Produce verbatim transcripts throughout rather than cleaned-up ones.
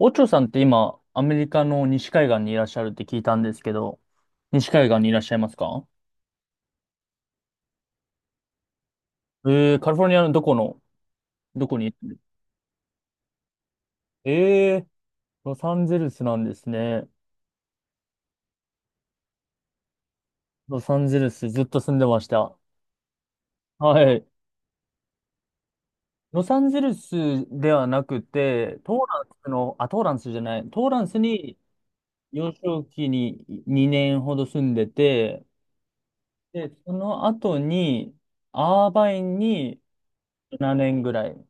オチョさんって今、アメリカの西海岸にいらっしゃるって聞いたんですけど、西海岸にいらっしゃいますか？えー、カリフォルニアのどこの、どこに？えー、ロサンゼルスなんですね。ロサンゼルスずっと住んでました。はい。ロサンゼルスではなくて、トーランスの、あ、トーランスじゃない、トーランスに幼少期ににねんほど住んでて、で、その後に、アーバインにななねんぐらい。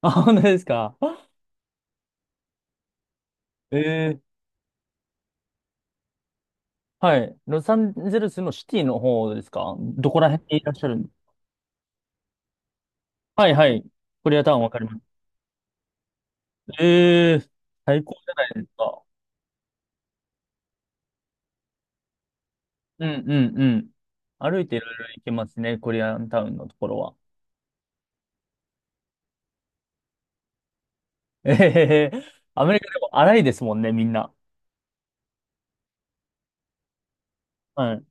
あ、本当ですか。えはい。ロサンゼルスのシティの方ですか？どこら辺にいらっしゃるん？はいはい。コリアタウンわかります。ええ、最高じゃないですか。うんうんうん。歩いていろいろ行けますね、コリアンタウンのところは。えへへへ。アメリカでも荒いですもんね、みんな。はい。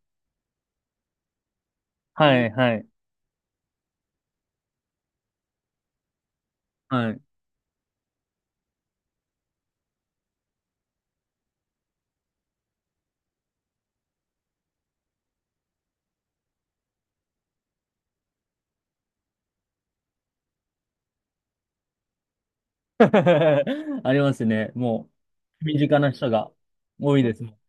はいはい。はい。ありますね。もう、身近な人が多いですもん。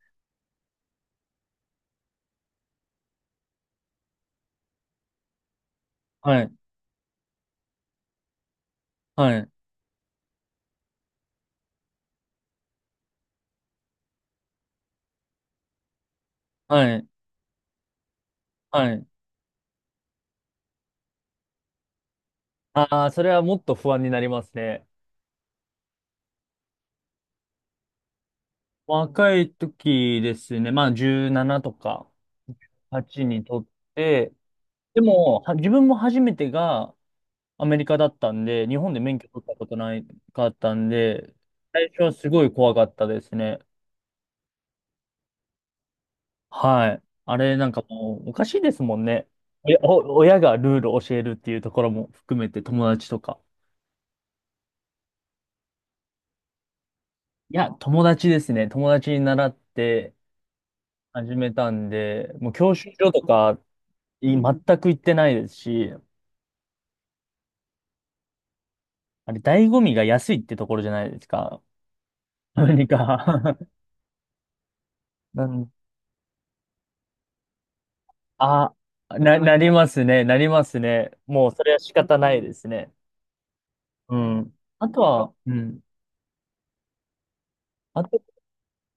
はい。はい。はい。はい。ああ、それはもっと不安になりますね。若い時ですね、まあじゅうななとかはちにとって、でも、は自分も初めてがアメリカだったんで、日本で免許取ったことないかったんで、最初はすごい怖かったですね。はい。あれなんかもうおかしいですもんね。おやお親がルールを教えるっていうところも含めて友達とか。いや、友達ですね。友達に習って始めたんで、もう教習所とかい全く行ってないですし、あれ、醍醐味が安いってところじゃないですか。何か なん、あ、な、なりますね、なりますね。もう、それは仕方ないですね。うん。あとは、うん。あと、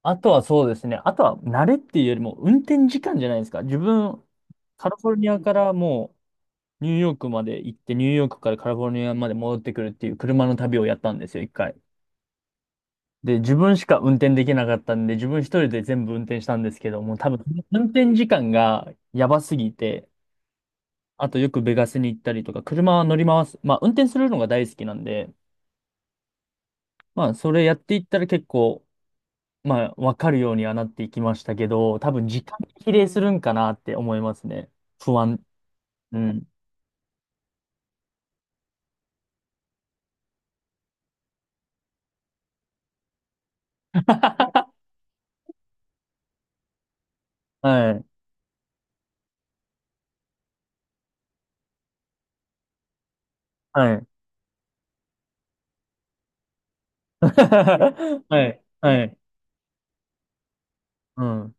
あとはそうですね。あとは、慣れっていうよりも、運転時間じゃないですか。自分、カリフォルニアからもう、ニューヨークまで行って、ニューヨークからカリフォルニアまで戻ってくるっていう車の旅をやったんですよ、一回。で、自分しか運転できなかったんで、自分一人で全部運転したんですけども、多分、運転時間がやばすぎて、あとよくベガスに行ったりとか、車は乗り回す。まあ、運転するのが大好きなんで、まあ、それやっていったら結構、まあ、わかるようにはなっていきましたけど、多分時間に比例するんかなって思いますね。不安。うん。はい。はい。はい。はい。うん。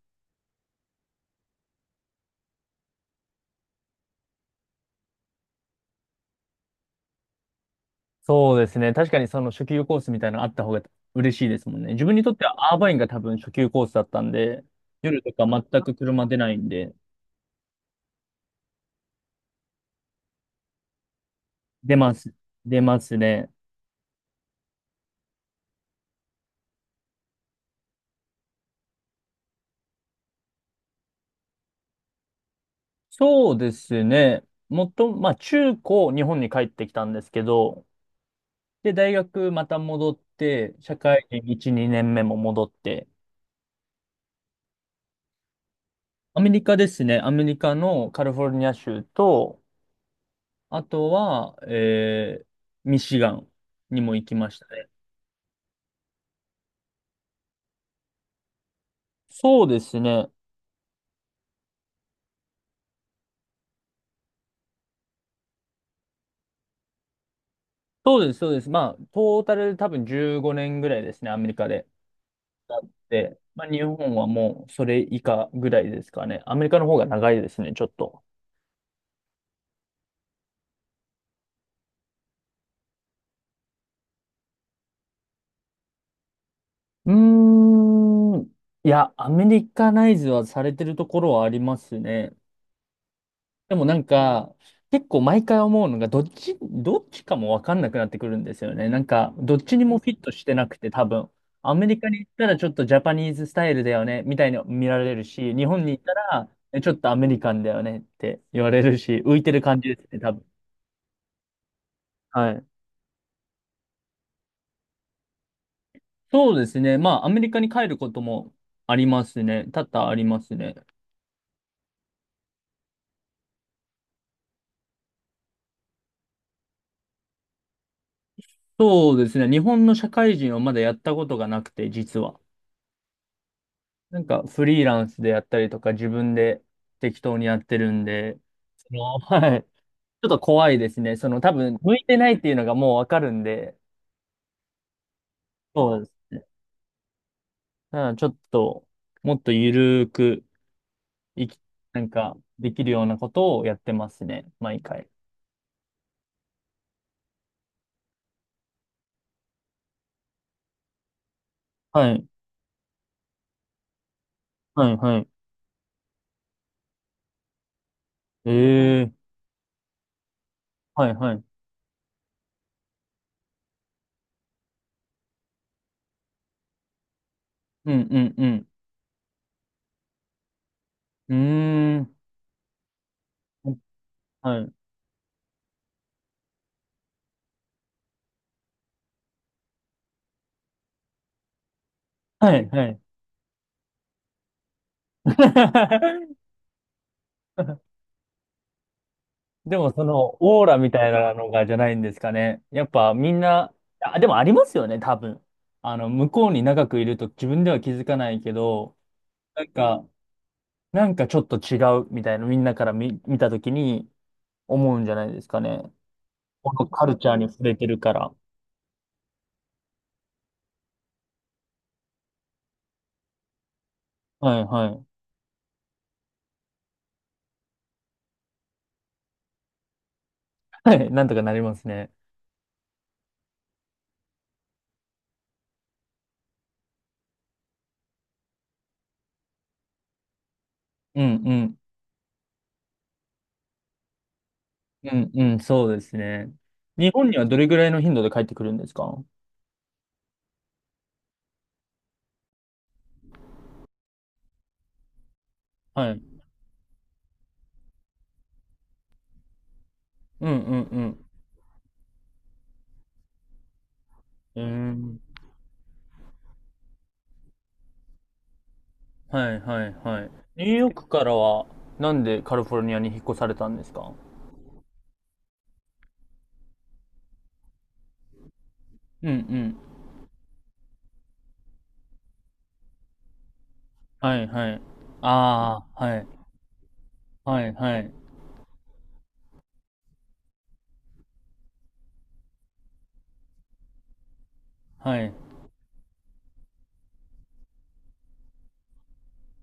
そうですね。確かにその初級コースみたいなのあった方が嬉しいですもんね。自分にとってはアーバインが多分初級コースだったんで、夜とか全く車出ないんで、出ます。出ますね。そうですね。もっと、まあ中高日本に帰ってきたんですけど、で、大学また戻って、社会人いち、にねんめも戻って、アメリカですね。アメリカのカリフォルニア州と、あとは、えー、ミシガンにも行きましたね。そうですね。そうです、そうです。まあ、トータル多分じゅうごねんぐらいですね、アメリカで。で、まあ、日本はもうそれ以下ぐらいですかね。アメリカの方が長いですね、ちょっと。うーん。いや、アメリカナイズはされてるところはありますね。でもなんか、結構毎回思うのが、どっち、どっちかもわかんなくなってくるんですよね。なんか、どっちにもフィットしてなくて、多分。アメリカに行ったらちょっとジャパニーズスタイルだよね、みたいに見られるし、日本に行ったら、えちょっとアメリカンだよねって言われるし、浮いてる感じですね、多分。はい。そうですね。まあ、アメリカに帰ることもありますね。多々ありますね。そうですね。日本の社会人をまだやったことがなくて、実は。なんかフリーランスでやったりとか自分で適当にやってるんで、その、はい。ちょっと怖いですね。その多分向いてないっていうのがもうわかるんで、そうですね。だからちょっともっとゆるくいき、なんかできるようなことをやってますね。毎回。はい。はい、はい。ええ、はい、はい。うん、うん、うん。うーん。はい。はい、はい。でもそのオーラみたいなのがじゃないんですかね。やっぱみんな、あ、でもありますよね、多分。あの、向こうに長くいると自分では気づかないけど、なんか、なんかちょっと違うみたいな、みんなから見、見たときに思うんじゃないですかね。このカルチャーに触れてるから。はいはい。はい、なんとかなりますね。うんうん。うんうん、そうですね。日本にはどれぐらいの頻度で帰ってくるんですか？はい。うんうんうん。えーはいはいはい。ニューヨークからは、なんでカリフォルニアに引っ越されたんですか？うんうん。はいはい。ああ、はい。はいはい。はい。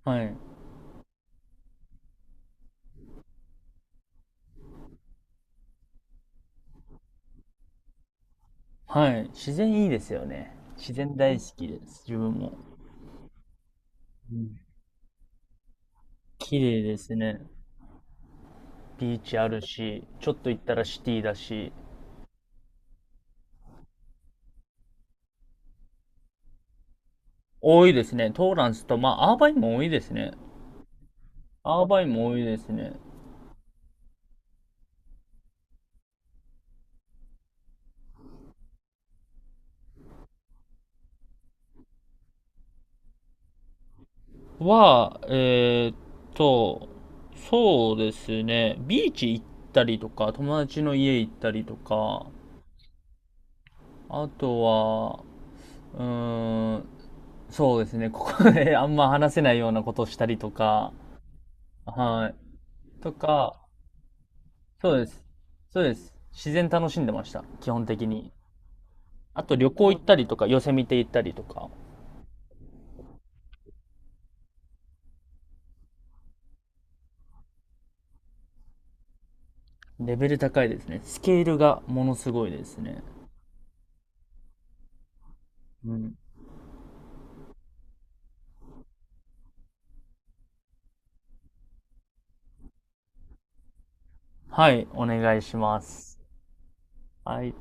はい。はい。自然いいですよね。自然大好きです、自分も。うん。綺麗ですね。ビーチあるし、ちょっと行ったらシティだし。多いですね。トーランスと、まあ、アーバインも多いですね。アーバインも多いですね。は、えーっと、そうですね、ビーチ行ったりとか、友達の家行ったりとか、あとは、うーん、そうですね、ここで あんま話せないようなことをしたりとか、はい。とか、そうです。そうです。自然楽しんでました、基本的に。あと旅行行ったりとか、寄せ見て行ったりとか、レベル高いですね。スケールがものすごいですね。うん。はい、お願いします。はい。